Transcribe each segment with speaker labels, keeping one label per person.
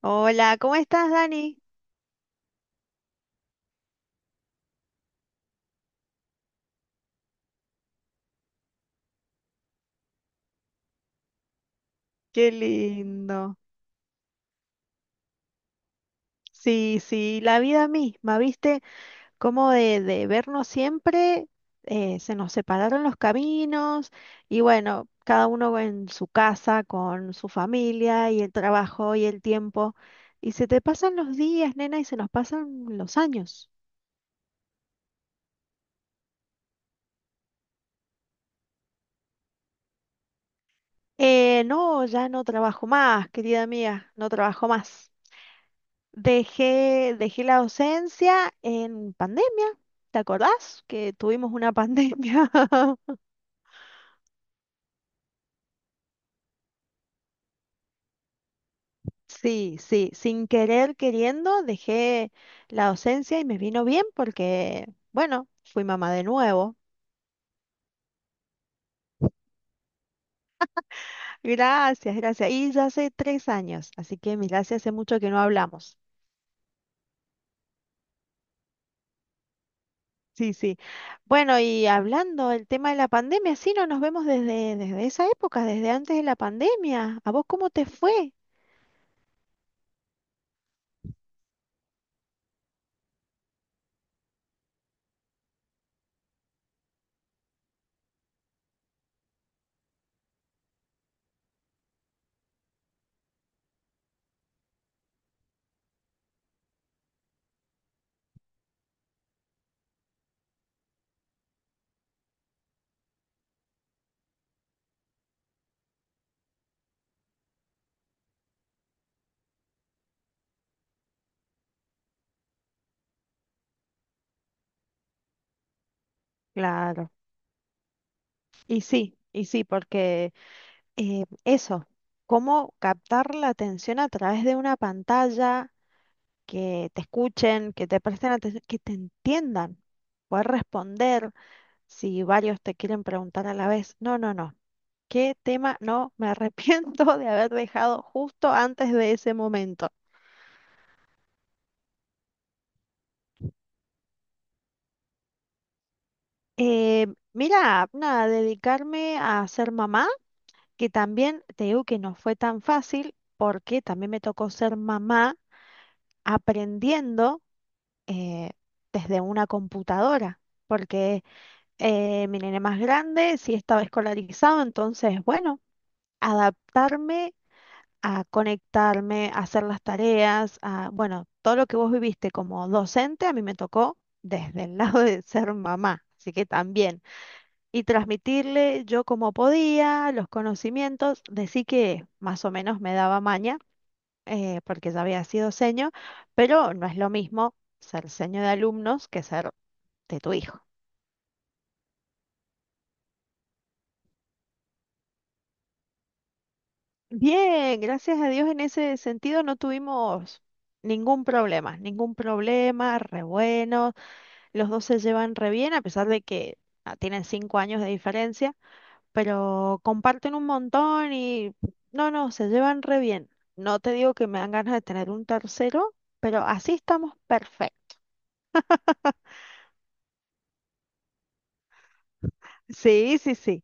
Speaker 1: Hola, ¿cómo estás, Dani? Qué lindo. Sí, sí, la vida misma, ¿viste? Como de vernos siempre, se nos separaron los caminos y bueno, cada uno en su casa, con su familia y el trabajo y el tiempo. Y se te pasan los días, nena, y se nos pasan los años. No, ya no trabajo más, querida mía, no trabajo más. Dejé la docencia en pandemia, ¿te acordás? Que tuvimos una pandemia. Sí, sí, sin querer queriendo dejé la docencia y me vino bien porque, bueno, fui mamá de nuevo. Gracias, gracias. Y ya hace 3 años, así que gracias, hace mucho que no hablamos. Sí, sí. Bueno, y hablando del tema de la pandemia, sí, no nos vemos desde esa época, desde antes de la pandemia. ¿A vos cómo te fue? Claro. Y sí, porque eso, cómo captar la atención a través de una pantalla, que te escuchen, que te presten atención, que te entiendan, poder responder si varios te quieren preguntar a la vez. No, no, no. ¿Qué tema? No, me arrepiento de haber dejado justo antes de ese momento. Eh, Mira, nada, dedicarme a ser mamá, que también te digo que no fue tan fácil porque también me tocó ser mamá aprendiendo eh, desde una computadora, porque mi nene más grande sí estaba escolarizado, entonces, bueno, adaptarme a conectarme, a hacer las tareas, a, bueno, todo lo que vos viviste como docente, a mí me tocó desde el lado de ser mamá. Así que también, y transmitirle yo como podía los conocimientos, de sí que más o menos me daba maña, porque ya había sido seño, pero no es lo mismo ser seño de alumnos que ser de tu hijo. Bien, gracias a Dios en ese sentido no tuvimos ningún problema, re bueno, los dos se llevan re bien a pesar de que tienen 5 años de diferencia, pero comparten un montón y no, no, se llevan re bien. No te digo que me dan ganas de tener un tercero, pero así estamos perfectos. Sí, sí, sí.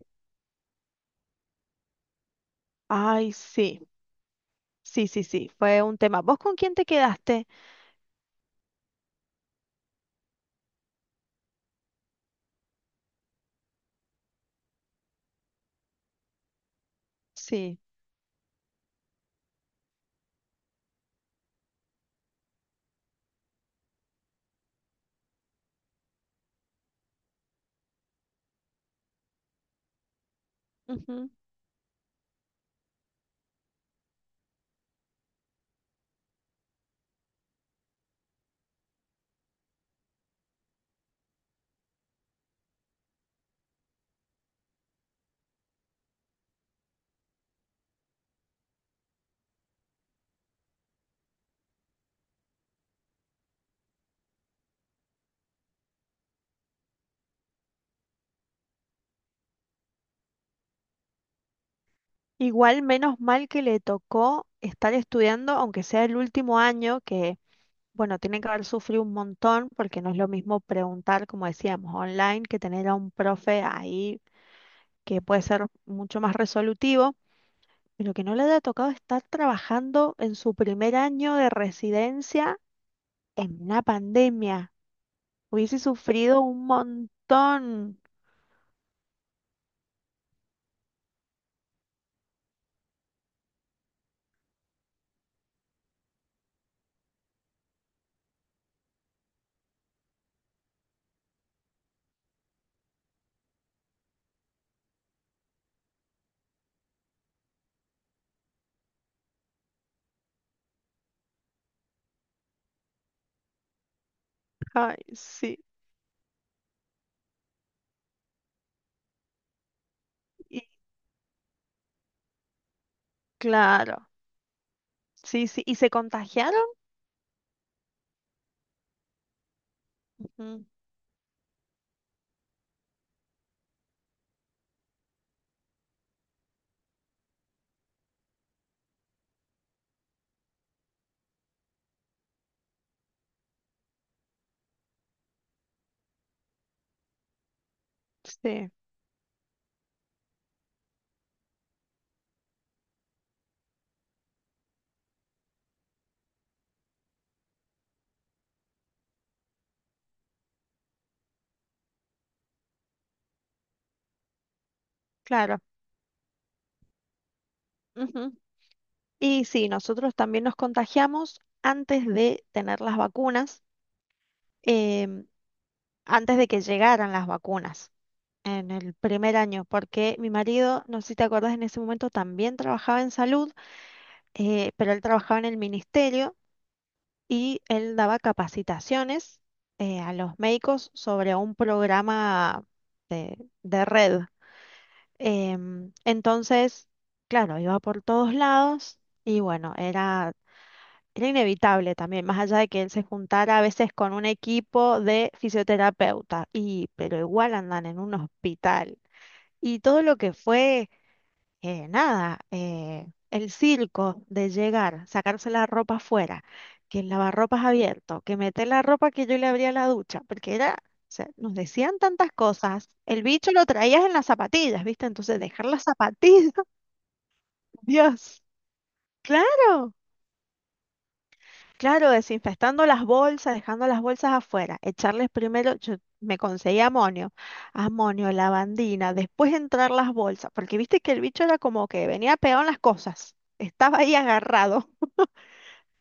Speaker 1: Ay, sí. Sí, sí, sí, fue un tema. ¿Vos con quién te quedaste? Sí. Ujú. Igual menos mal que le tocó estar estudiando, aunque sea el último año, que bueno, tiene que haber sufrido un montón, porque no es lo mismo preguntar, como decíamos, online, que tener a un profe ahí que puede ser mucho más resolutivo, pero que no le haya tocado estar trabajando en su primer año de residencia en una pandemia. Hubiese sufrido un montón. Ay, sí. Y claro. Sí, sí, y se contagiaron. Ujú, sí, claro. Ujú. Y sí, nosotros también nos contagiamos antes de tener las vacunas, em, antes de que llegaran las vacunas en el primer año, porque mi marido, no sé si te acordás, en ese momento también trabajaba en salud, pero él trabajaba en el ministerio y él daba capacitaciones a los médicos sobre un programa de, de red. Entonces, claro, iba por todos lados y bueno, era inevitable también, más allá de que él se juntara a veces con un equipo de fisioterapeuta, y, pero igual andan en un hospital. Y todo lo que fue nada, el circo de llegar, sacarse la ropa afuera, que el lavarropas abierto, que meter la ropa que yo le abría la ducha, porque era, o sea, nos decían tantas cosas, el bicho lo traías en las zapatillas, ¿viste? Entonces dejar las zapatillas, Dios, claro. Claro, desinfectando las bolsas, dejando las bolsas afuera, echarles primero, yo me conseguí amonio, amonio, lavandina, después entrar las bolsas, porque viste que el bicho era como que venía pegado en las cosas, estaba ahí agarrado.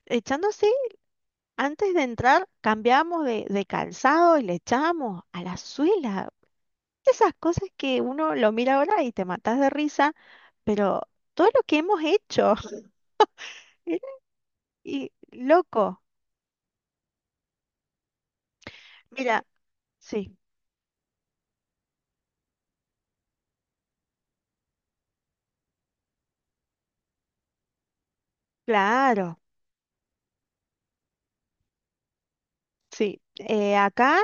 Speaker 1: Echando así, antes de entrar, cambiamos de calzado y le echamos a la suela. Esas cosas que uno lo mira ahora y te matas de risa, pero todo lo que hemos hecho, y loco, mira, sí, claro. Sí, acá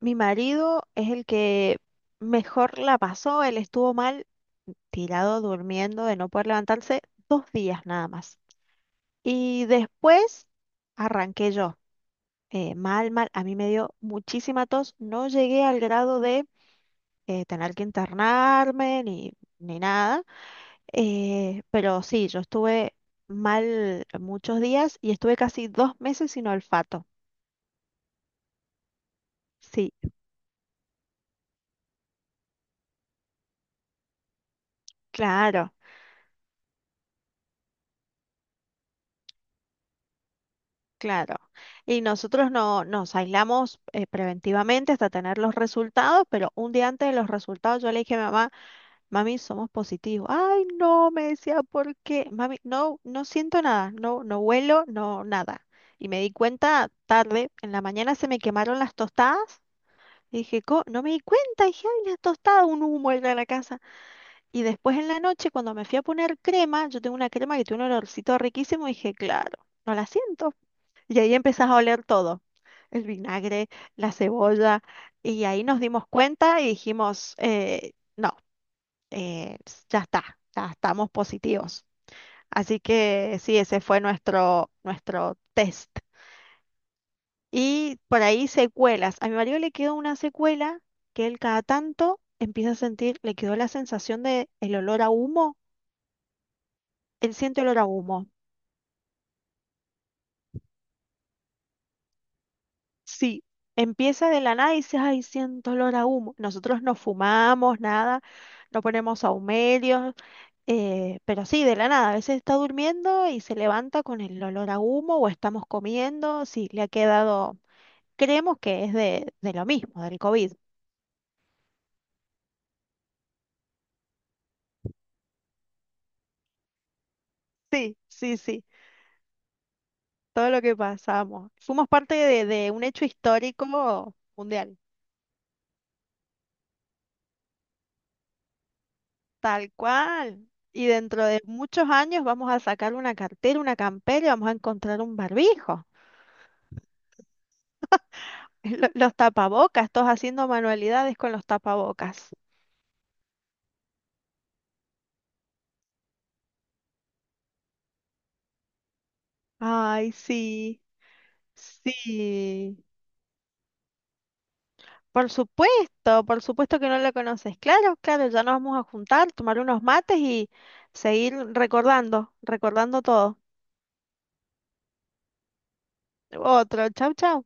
Speaker 1: mi marido es el que mejor la pasó. Él estuvo mal tirado durmiendo de no poder levantarse 2 días nada más. Y después arranqué yo. Mal, mal. A mí me dio muchísima tos. No llegué al grado de tener que internarme ni nada. Pero sí, yo estuve mal muchos días y estuve casi 2 meses sin olfato. Sí, claro. Claro. Y nosotros no nos aislamos preventivamente hasta tener los resultados, pero un día antes de los resultados yo le dije a mi mamá, mami, somos positivos. Ay, no, me decía, ¿por qué? Mami, no, no siento nada, no, no huelo, no, nada. Y me di cuenta tarde, en la mañana se me quemaron las tostadas. Y dije, "Co- no me di cuenta, dije, ay, las tostadas, un humo era de la casa. Y después en la noche, cuando me fui a poner crema, yo tengo una crema que tiene un olorcito riquísimo, dije, claro, no la siento. Y ahí empezás a oler todo, el vinagre, la cebolla, y ahí nos dimos cuenta y dijimos, no, eh, ya está, ya estamos positivos. Así que sí, ese fue nuestro, nuestro test. Y por ahí secuelas. A mi marido le quedó una secuela que él cada tanto empieza a sentir, le quedó la sensación de el olor a humo. Él siente olor a humo. Sí, empieza de la nada y dices, ay, siento olor a humo. Nosotros no fumamos nada, no ponemos ahumerios, pero sí, de la nada. A veces está durmiendo y se levanta con el olor a humo o estamos comiendo. Sí, le ha quedado, creemos que es de lo mismo, del COVID. Sí, sí, sí, todo lo que pasamos. Fuimos parte de un hecho histórico mundial, tal cual. Y dentro de muchos años vamos a sacar una cartera, una campera y vamos a encontrar un barbijo. Lo- Los tapabocas, todos haciendo manualidades con los tapabocas. Ay, sí, sí. Por supuesto que no lo conoces. Claro, claro, ya nos vamos a juntar, tomar unos mates y seguir recordando, recordando todo. Otro, chau, chau.